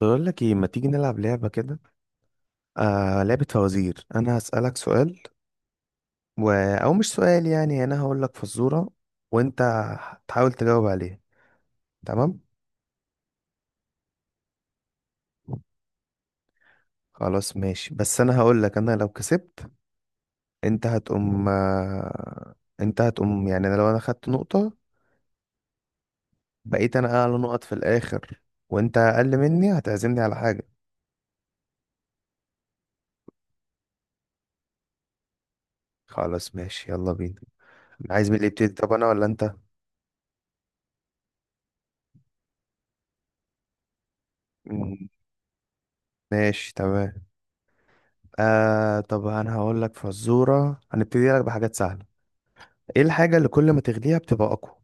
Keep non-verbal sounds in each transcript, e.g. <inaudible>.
بقول لك ايه، ما تيجي نلعب لعبة كده؟ آه، لعبة فوازير. انا هسألك سؤال و... او مش سؤال، يعني انا هقول لك فزورة، وانت هتحاول تجاوب عليها. تمام. خلاص ماشي، بس انا هقول لك، انا لو كسبت انت هتقوم. انت هتقوم يعني، انا لو انا خدت نقطة، بقيت انا اعلى نقط في الاخر، وانت اقل مني، هتعزمني على حاجة. خلاص ماشي، يلا بينا. عايز مين اللي يبتدي؟ طب انا ولا انت؟ مم، ماشي تمام. آه، طب انا هقول لك فزوره، هنبتدي لك بحاجات سهله. ايه الحاجه اللي كل ما تغليها بتبقى اقوى؟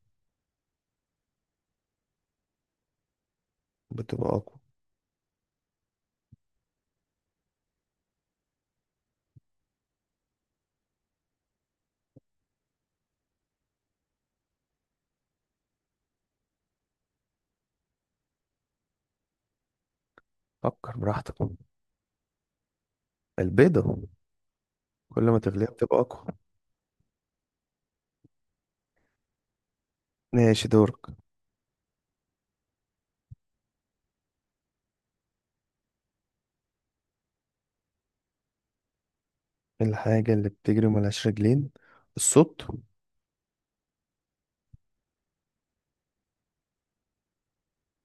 بتبقى اقوى. فكر براحتك. البيضه. كل ما تغليها بتبقى اقوى. ماشي، دورك. إيه الحاجه اللي بتجري ملهاش رجلين؟ الصوت.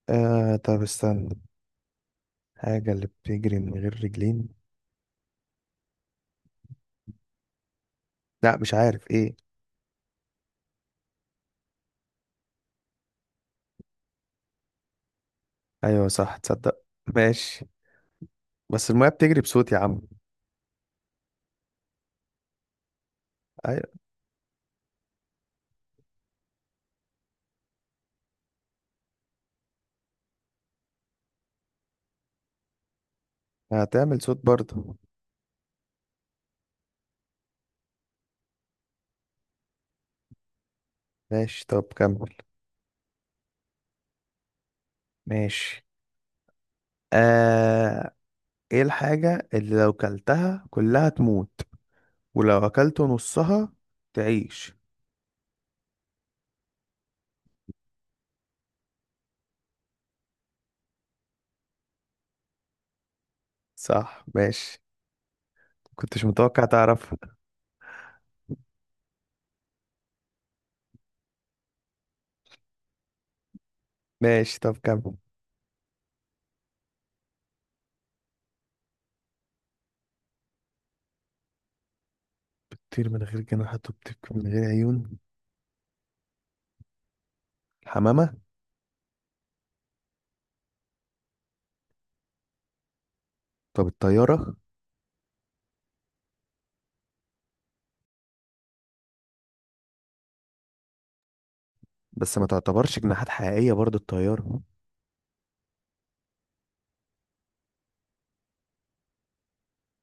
آه، طب استنى. الحاجه اللي بتجري من غير رجلين. لا مش عارف ايه. ايوه صح، تصدق؟ ماشي. بس الميه بتجري بصوت يا عم. ايوه. هتعمل صوت برضه. ماشي، طب كمل. ماشي. آه. ايه الحاجة اللي لو كلتها كلها تموت، ولو اكلت نصها تعيش؟ صح، ماشي. كنتش متوقع تعرفها. ماشي، طب كمل. بتطير من غير جناحات وبتبكي من غير عيون. الحمامة. طب الطيارة. بس ما تعتبرش جناحات حقيقية برضو الطيارة.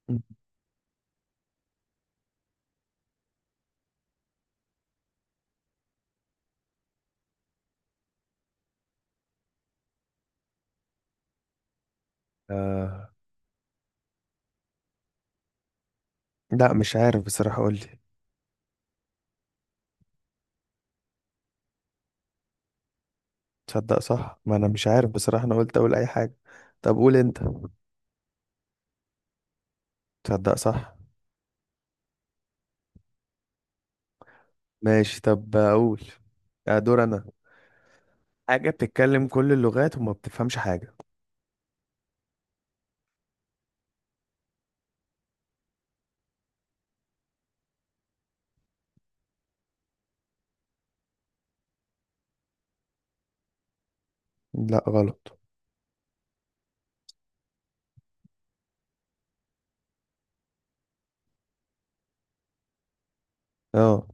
م. آه. لا مش عارف بصراحة، قول لي. تصدق صح؟ ما انا مش عارف بصراحة، انا قلت اقول اي حاجة. طب قول انت. تصدق صح. ماشي، طب اقول. آه، دور انا. حاجة بتتكلم كل اللغات وما بتفهمش حاجة. لا غلط. اه.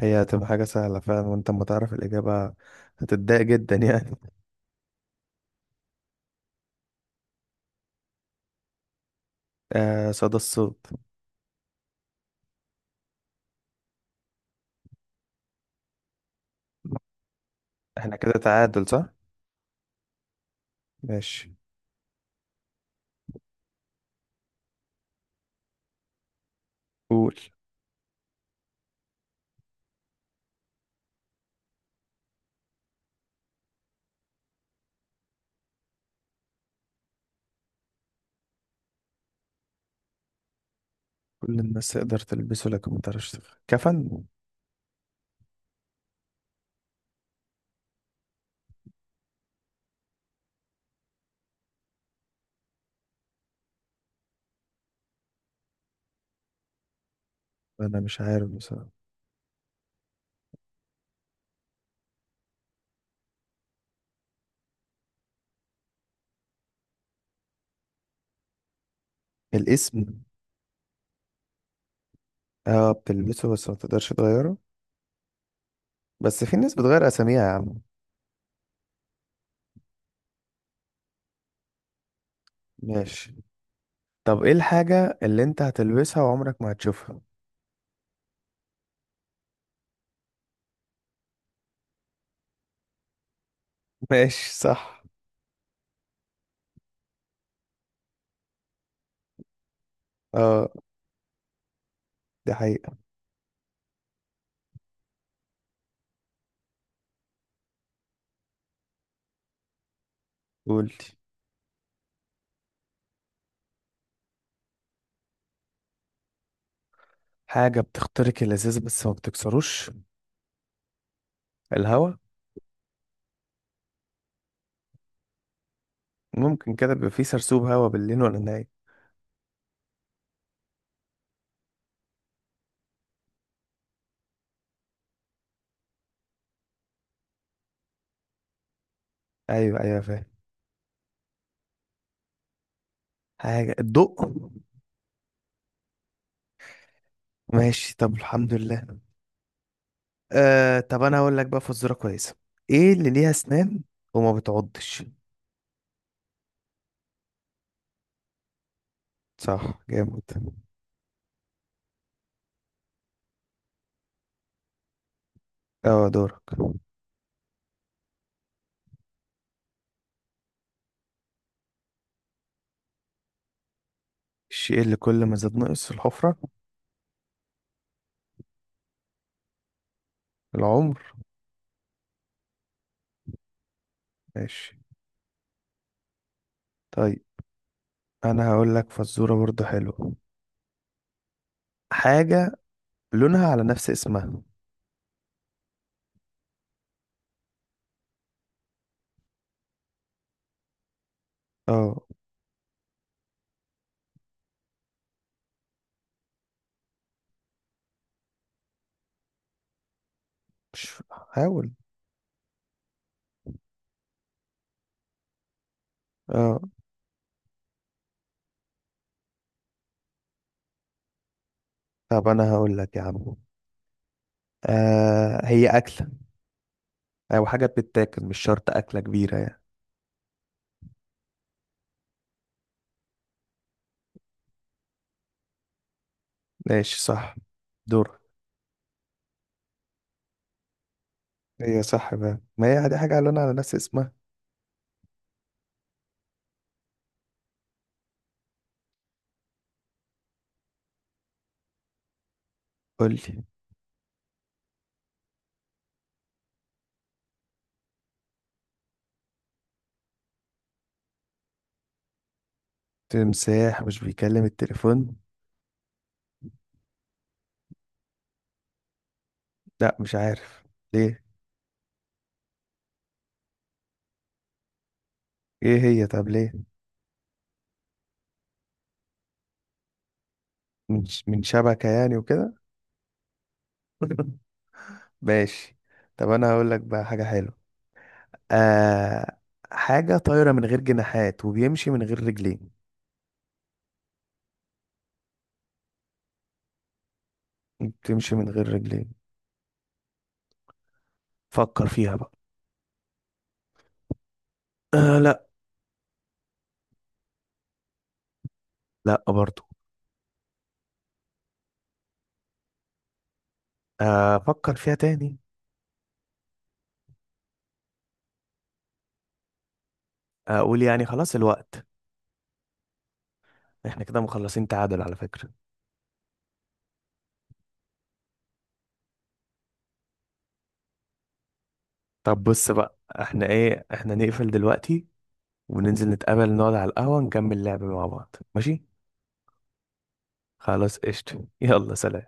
هي هتبقى حاجة سهلة فعلا، وانت ما تعرف الإجابة، هتتضايق جدا يعني. <laughs> آه، صدى الصوت. احنا كده تعادل، صح؟ ماشي. قول. كل الناس تقدر تلبسه لكن ما تعرفش تغيره، كفن؟ انا مش عارف بصراحة. الاسم. اه، بتلبسه بس ما تقدرش تغيره. بس في ناس بتغير اساميها يا عم. ماشي. طب ايه الحاجة اللي انت هتلبسها وعمرك ما هتشوفها؟ <laughs> ماشي صح. اه، دي حقيقة. قول. حاجة بتخترق اللذاذة بس ما بتكسروش. الهوا. ممكن كده بيبقى فيه سرسوب هوا بالليل ولا النهار؟ أيوة أيوة، فاهم. حاجة، الضوء. ماشي، طب الحمد لله. آه، طب أنا هقول لك بقى فزورة كويسة. إيه اللي ليها أسنان وما بتعضش؟ صح، جامد. أه، دورك. الشيء اللي كل ما زاد نقص في الحفرة. العمر. ماشي. طيب. أنا هقول لك فزورة برضو حلوة. حاجة لونها على نفس اسمها. اه. مش. حاول. اه. طب انا هقول لك يا عم، آه هي اكله، او حاجه بتتاكل، مش شرط اكله كبيره يعني. ماشي صح. دور. هي صح بقى، ما هي دي حاجه قالوا على نفس اسمها. قول لي. تمساح مش بيكلم التليفون. لا مش عارف. ليه؟ ايه هي؟ طب ليه؟ من شبكه يعني وكده. <laughs> ماشي. طب انا هقول لك بقى حاجه حلوه. آه. حاجه طايره من غير جناحات وبيمشي من غير رجلين. بتمشي من غير رجلين. فكر فيها بقى. آه، لا. لا برضو. آه، افكر فيها تاني. اقول يعني خلاص، الوقت. احنا كده مخلصين تعادل على فكرة. طب بص بقى، احنا ايه، احنا نقفل دلوقتي وننزل نتقابل نقعد على القهوة نكمل لعب مع بعض، ماشي. خلاص قشطة، يلا سلام.